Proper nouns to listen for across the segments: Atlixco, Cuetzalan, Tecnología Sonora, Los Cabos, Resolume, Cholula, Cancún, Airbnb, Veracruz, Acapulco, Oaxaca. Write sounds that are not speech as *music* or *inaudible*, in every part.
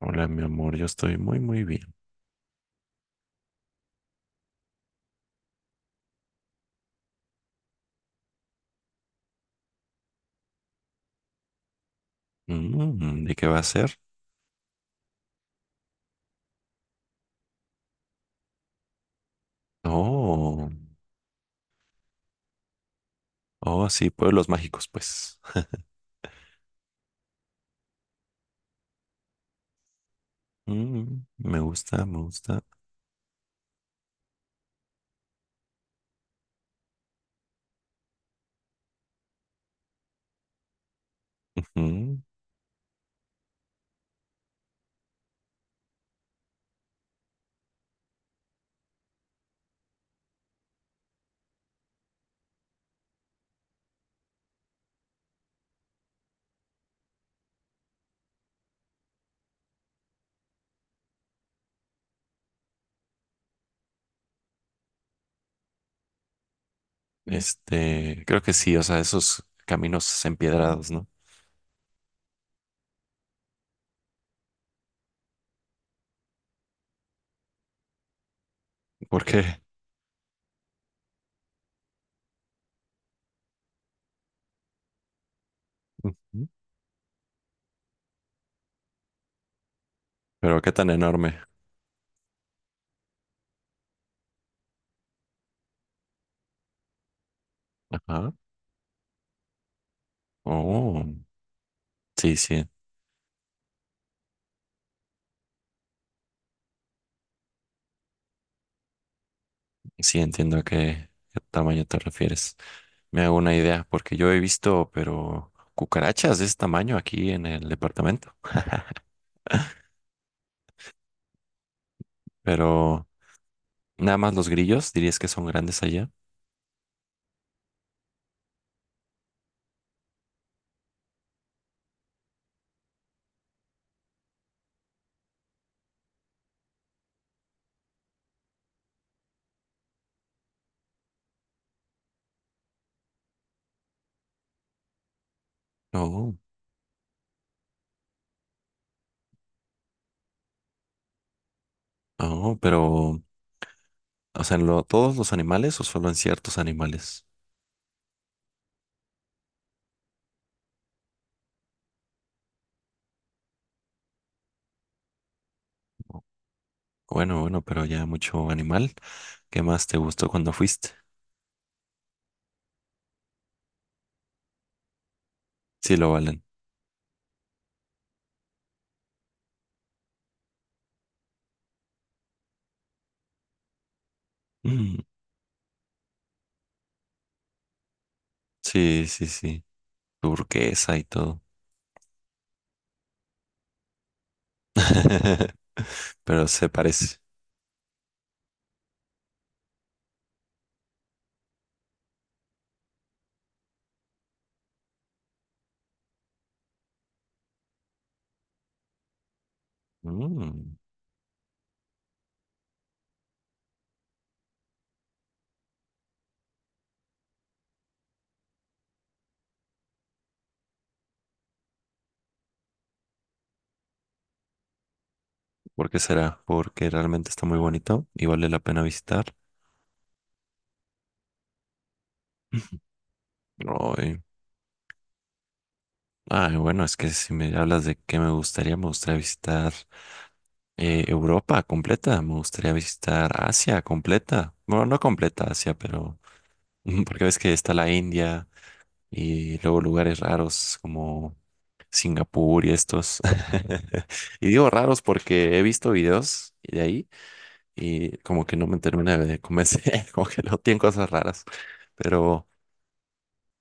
Hola, mi amor, yo estoy muy, muy bien. Mm, ¿y qué va a ser? Oh, oh, sí, pueblos mágicos, pues. Mm, me gusta, me gusta. Ujú. Mm. Creo que sí, o sea, esos caminos empiedrados, ¿no? ¿Por qué? Ujú. Pero qué tan enorme. Ajá. Oh, sí, sí, sí, entiendo a qué, qué tamaño te refieres. Me hago una idea, porque yo he visto, pero cucarachas de ese tamaño aquí en el departamento. *laughs* Pero. Nada más los grillos, dirías que son grandes allá. Oh, oh, pero, o sea, ¿ todos los animales o solo en ciertos animales? Bueno, bueno, pero ya mucho animal. ¿Qué más te gustó cuando fuiste? Sí, lo valen. Mm, sí, sí, sí. Turquesa y todo. *laughs* Pero se parece. Mm, ¿por qué será? Porque realmente está muy bonito y vale la pena visitar. *laughs* Ay, Ay, bueno, es que si me hablas de qué me gustaría visitar Europa completa, me gustaría visitar Asia completa. Bueno, no completa Asia, pero *laughs* porque ves que está la India y luego lugares raros como Singapur y estos. *laughs* Y digo raros porque he visto videos de ahí y como que no me termina de convencer, *laughs* como que no tienen cosas raras. Pero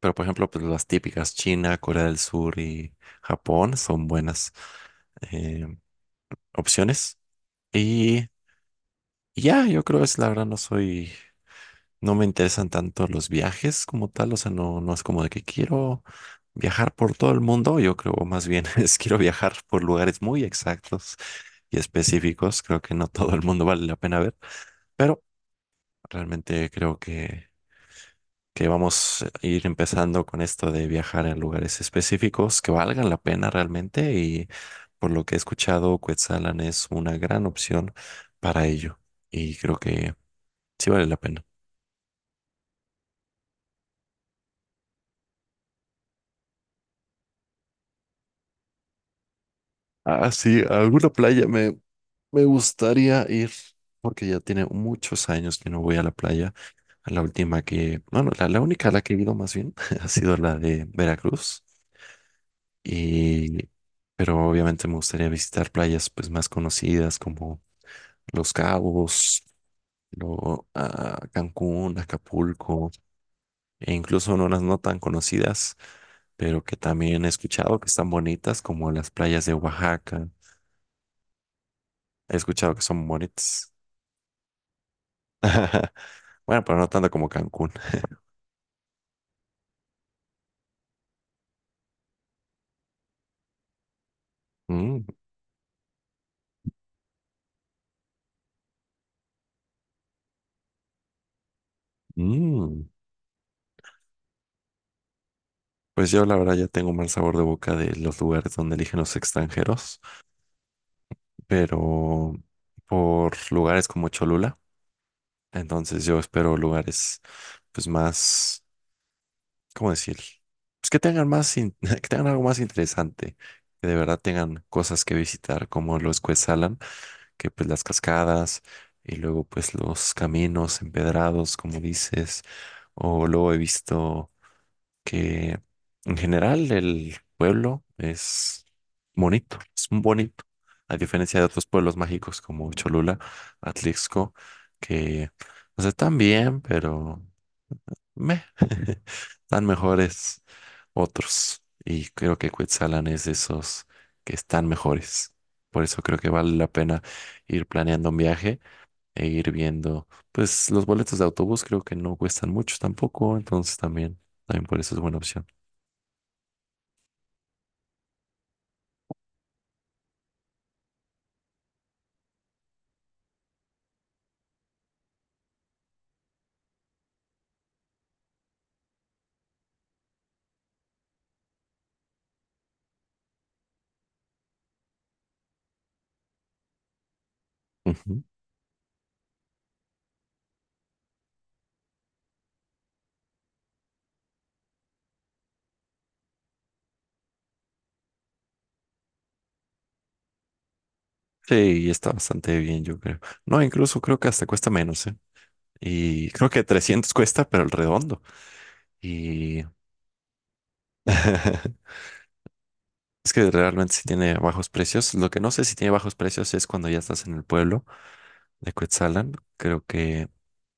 pero por ejemplo, pues las típicas China, Corea del Sur y Japón son buenas eh, opciones. Y y ya, yo creo es la verdad, no soy, no me interesan tanto los viajes como tal, o sea, no, no es como de que quiero viajar por todo el mundo, yo creo más bien *laughs* es quiero viajar por lugares muy exactos y específicos, creo que no todo el mundo vale la pena ver, pero realmente creo que vamos a ir empezando con esto de viajar a lugares específicos que valgan la pena realmente y por lo que he escuchado, Cuetzalan es una gran opción para ello y creo que sí vale la pena. Ah, sí, a alguna playa me, me gustaría ir porque ya tiene muchos años que no voy a la playa. La última que, bueno, la única a la que he ido más bien *laughs* ha sido la de Veracruz y... Pero obviamente me gustaría visitar playas pues más conocidas como Los Cabos, a Cancún, Acapulco, e incluso unas no tan conocidas, pero que también he escuchado que están bonitas, como las playas de Oaxaca. He escuchado que son bonitas. *laughs* Bueno, pero no tanto como Cancún. Mm, mm. Pues yo la verdad ya tengo un mal sabor de boca de los lugares donde eligen los extranjeros, pero por lugares como Cholula, entonces yo espero lugares pues más ¿cómo decir? Pues que tengan más, *laughs* que tengan algo más interesante, que de verdad tengan cosas que visitar, como los Cuetzalan, que pues las cascadas y luego pues los caminos empedrados, como dices, o luego he visto que en general el pueblo es bonito, es un bonito, a diferencia de otros pueblos mágicos como Cholula, Atlixco, que, o sea, están bien, pero meh, *laughs* están mejores otros. Y creo que Quetzalan es de esos que están mejores. Por eso creo que vale la pena ir planeando un viaje e ir viendo. Pues los boletos de autobús creo que no cuestan mucho tampoco, entonces también, también por eso es buena opción. Ujú. Sí, y está bastante bien, yo creo. No, incluso creo que hasta cuesta menos, ¿eh? Y creo que 300 cuesta, pero el redondo. Y *laughs* Es que realmente sí tiene bajos precios. Lo que no sé si tiene bajos precios es cuando ya estás en el pueblo de Cuetzalan. Creo que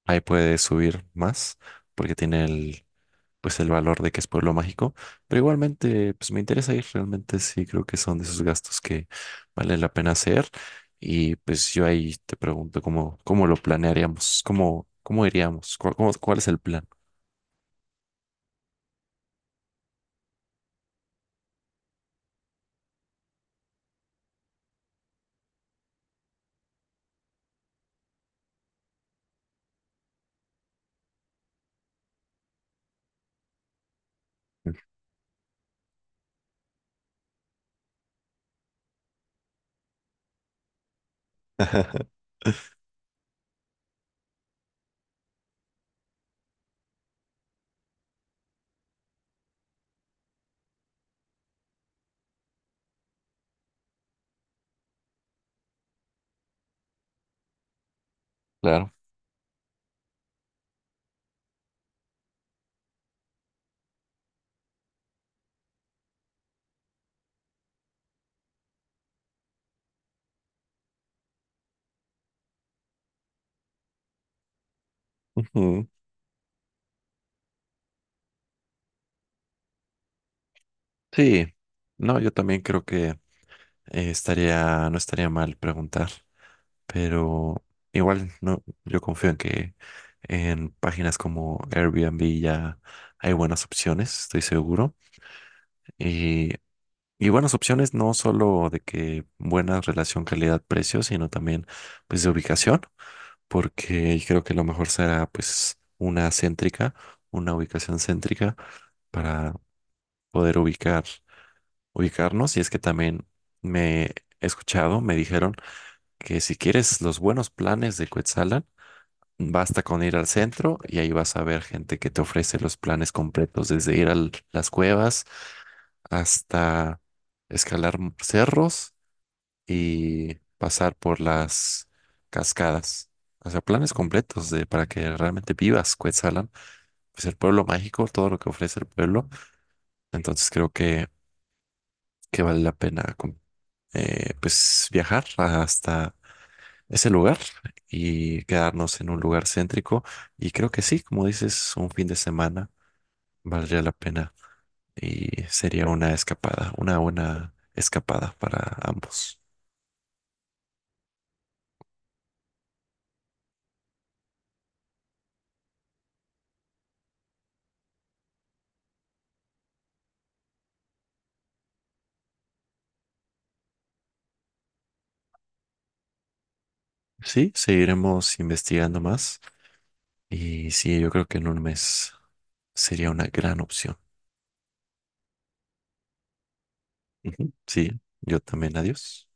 ahí puede subir más porque tiene el, pues el valor de que es pueblo mágico. Pero igualmente, pues me interesa ir. Realmente sí creo que son de esos gastos que vale la pena hacer. Y pues yo ahí te pregunto cómo, cómo lo planearíamos, cómo, cómo iríamos, cuál, cuál es el plan. *laughs* Claro. Ujú. Sí. No, yo también creo que estaría, no estaría mal preguntar, pero igual no, yo confío en que en páginas como Airbnb ya hay buenas opciones, estoy seguro. Y, y buenas opciones no solo de que buena relación calidad-precio, sino también pues de ubicación, porque creo que lo mejor será pues una céntrica, una ubicación céntrica para poder ubicar, ubicarnos. Y es que también me he escuchado, me dijeron que si quieres los buenos planes de Cuetzalan, basta con ir al centro y ahí vas a ver gente que te ofrece los planes completos, desde ir a las cuevas hasta escalar cerros y pasar por las cascadas. O sea, planes completos de, para que realmente vivas Cuetzalan. Pues el pueblo mágico, todo lo que ofrece el pueblo. Entonces creo que vale la pena pues viajar hasta ese lugar y quedarnos en un lugar céntrico. Y creo que sí, como dices, un fin de semana valdría la pena y sería una escapada, una buena escapada para ambos. Sí, seguiremos investigando más y sí, yo creo que en un mes sería una gran opción. Ujú. Sí, yo también, adiós.